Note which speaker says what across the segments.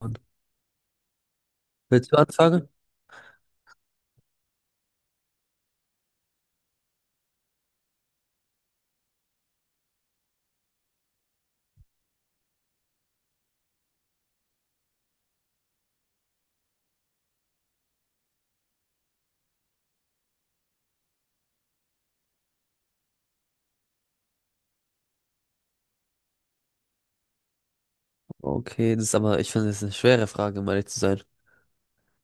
Speaker 1: Und willst du anfangen? Okay, das ist aber, ich finde, das ist eine schwere Frage, um ehrlich zu sein.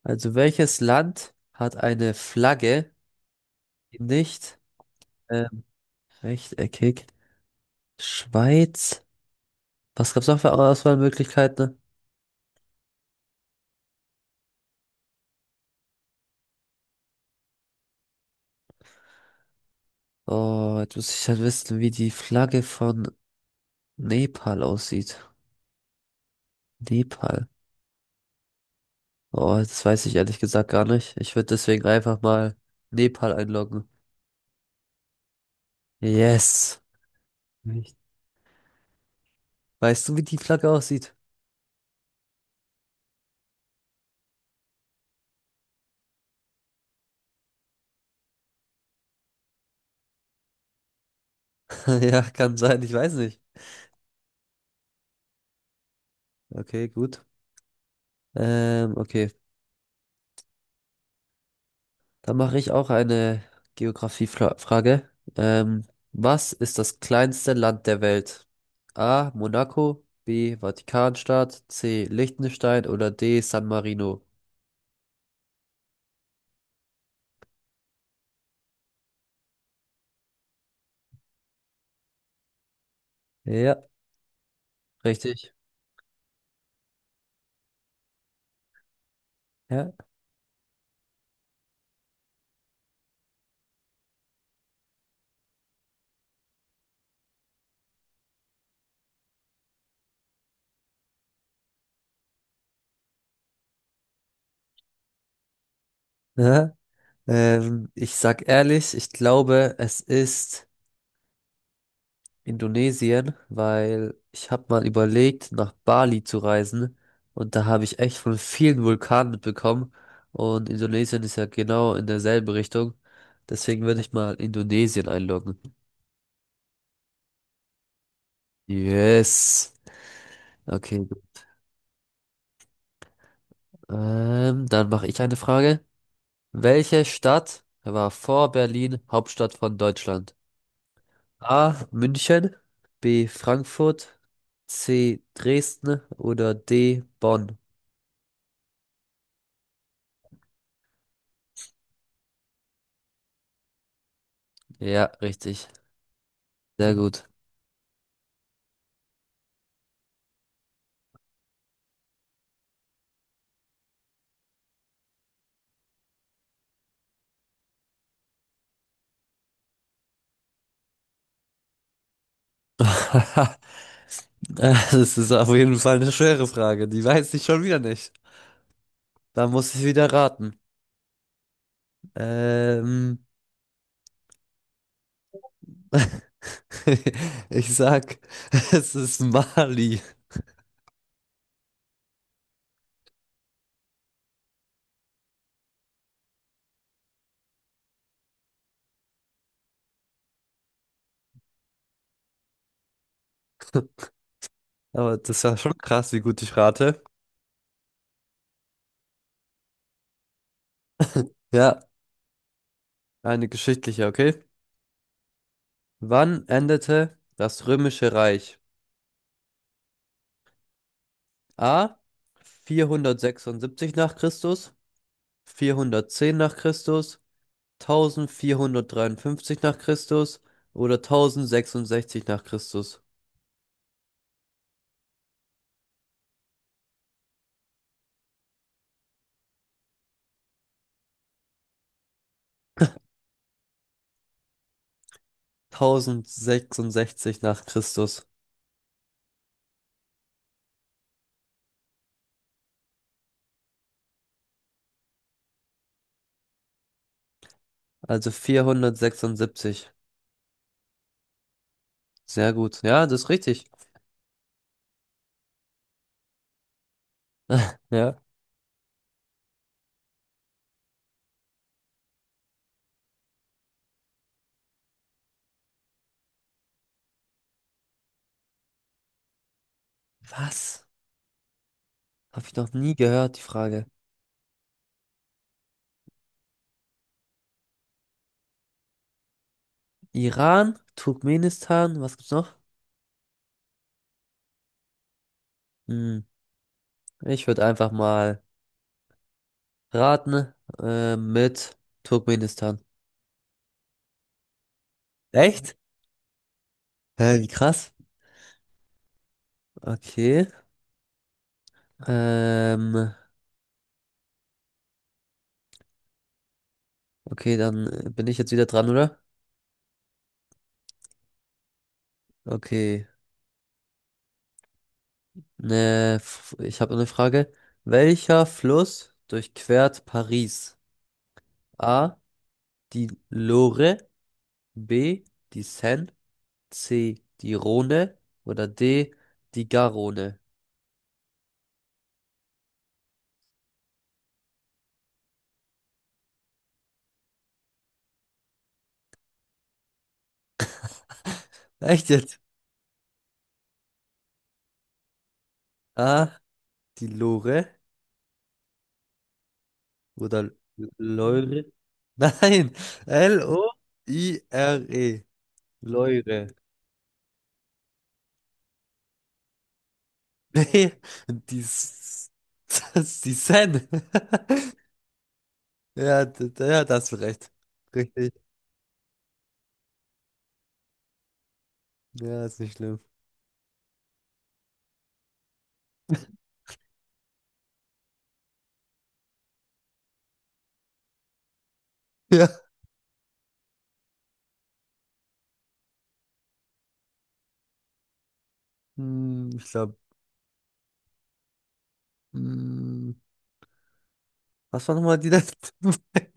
Speaker 1: Also, welches Land hat eine Flagge, die nicht ähm, rechteckig? Schweiz? Was gab es noch für Auswahlmöglichkeiten? Oh, jetzt muss ich halt wissen, wie die Flagge von Nepal aussieht. Nepal. Oh, das weiß ich ehrlich gesagt gar nicht. Ich würde deswegen einfach mal Nepal einloggen. Yes. Nicht. Weißt du, wie die Flagge aussieht? Ja, kann sein, ich weiß nicht. Okay, gut. Okay. Dann mache ich auch eine Geografiefrage. Ähm, Was ist das kleinste Land der Welt? A. Monaco, B. Vatikanstadt, C. Liechtenstein oder D. San Marino? Ja, richtig. Ja. Ja. Ich sag ehrlich, ich glaube, es ist Indonesien, weil ich habe mal überlegt, nach Bali zu reisen und da habe ich echt von vielen Vulkanen mitbekommen und Indonesien ist ja genau in derselben Richtung. Deswegen würde ich mal Indonesien einloggen. Yes. Okay. Dann mache ich eine Frage. Welche Stadt war vor Berlin Hauptstadt von Deutschland? A. München, B. Frankfurt, C. Dresden oder D. Bonn? Ja, richtig. Sehr gut. Das ist auf jeden Fall eine schwere Frage. Die weiß ich schon wieder nicht. Da muss ich wieder raten. Ähm, Ich sag, es ist Mali. Aber das war schon krass, wie gut ich rate. Ja, eine geschichtliche, okay? Wann endete das Römische Reich? A. 476 nach Christus, 410 nach Christus, 1453 nach Christus oder 1066 nach Christus? 1066 nach Christus. Also 476. Sehr gut. Ja, das ist richtig. Ja. Was? Habe ich noch nie gehört, die Frage. Iran, Turkmenistan, was gibt's noch? Hm, ich würde einfach mal raten, mit Turkmenistan. Echt? Hä, wie krass. Okay. Ähm, okay, dann bin ich jetzt wieder dran, oder? Okay. Ne, ich habe eine Frage. Welcher Fluss durchquert Paris? A. Die Loire, B. die Seine, C. die Rhone oder D. die Garonne? Echt jetzt? A. die Loire oder Loire? Nein, Loire. Loire. Nee, die, S- das ist die Seine. Ja, ja, das hast du recht. Richtig. Ja, ist nicht schlimm. Ja. Hm, ich glaube, hm, was war nochmal die letzte Frage?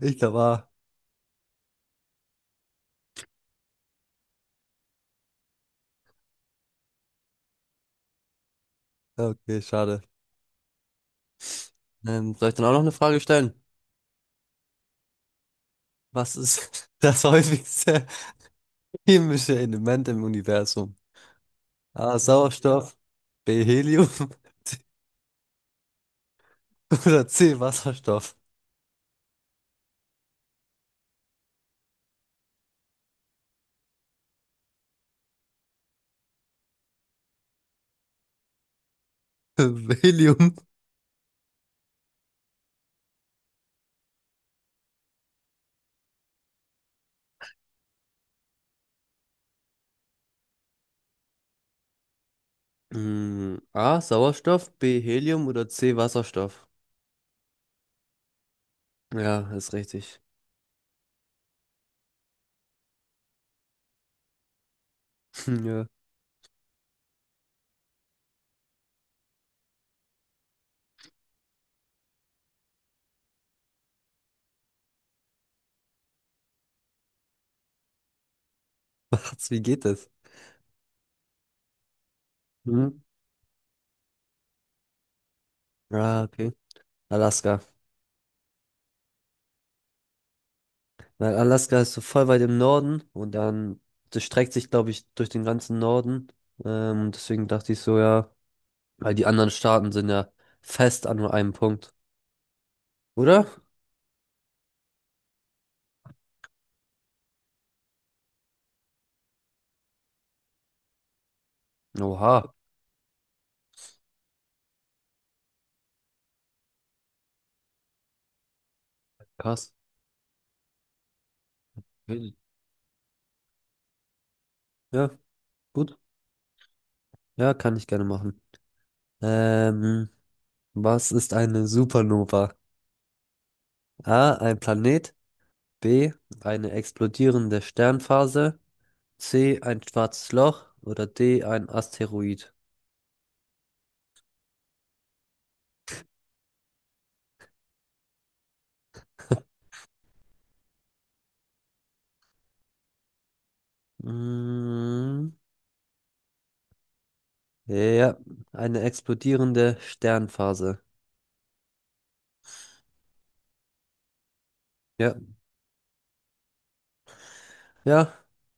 Speaker 1: Ich glaube, ah, ja, okay, schade. Soll ich dann auch noch eine Frage stellen? Was ist das häufigste chemische Element im Universum? A. Sauerstoff, B. Helium oder C. Wasserstoff? Helium. Hm, A. Sauerstoff, B. Helium oder C. Wasserstoff? Ja, ist richtig. Ja. Was, wie geht das? Hm? Ah, okay. Alaska. Weil Alaska ist so voll weit im Norden und dann das streckt sich, glaube ich, durch den ganzen Norden. Deswegen dachte ich so, ja, weil die anderen Staaten sind ja fest an nur einem Punkt. Oder? Oha, krass. Will- Ja, gut. Ja, kann ich gerne machen. Ähm, Was ist eine Supernova? A, ein Planet. B, eine explodierende Sternphase. C, ein schwarzes Loch. Oder D, ein Asteroid. Mm, ja, ja, ja, eine explodierende Sternphase. Ja, ja,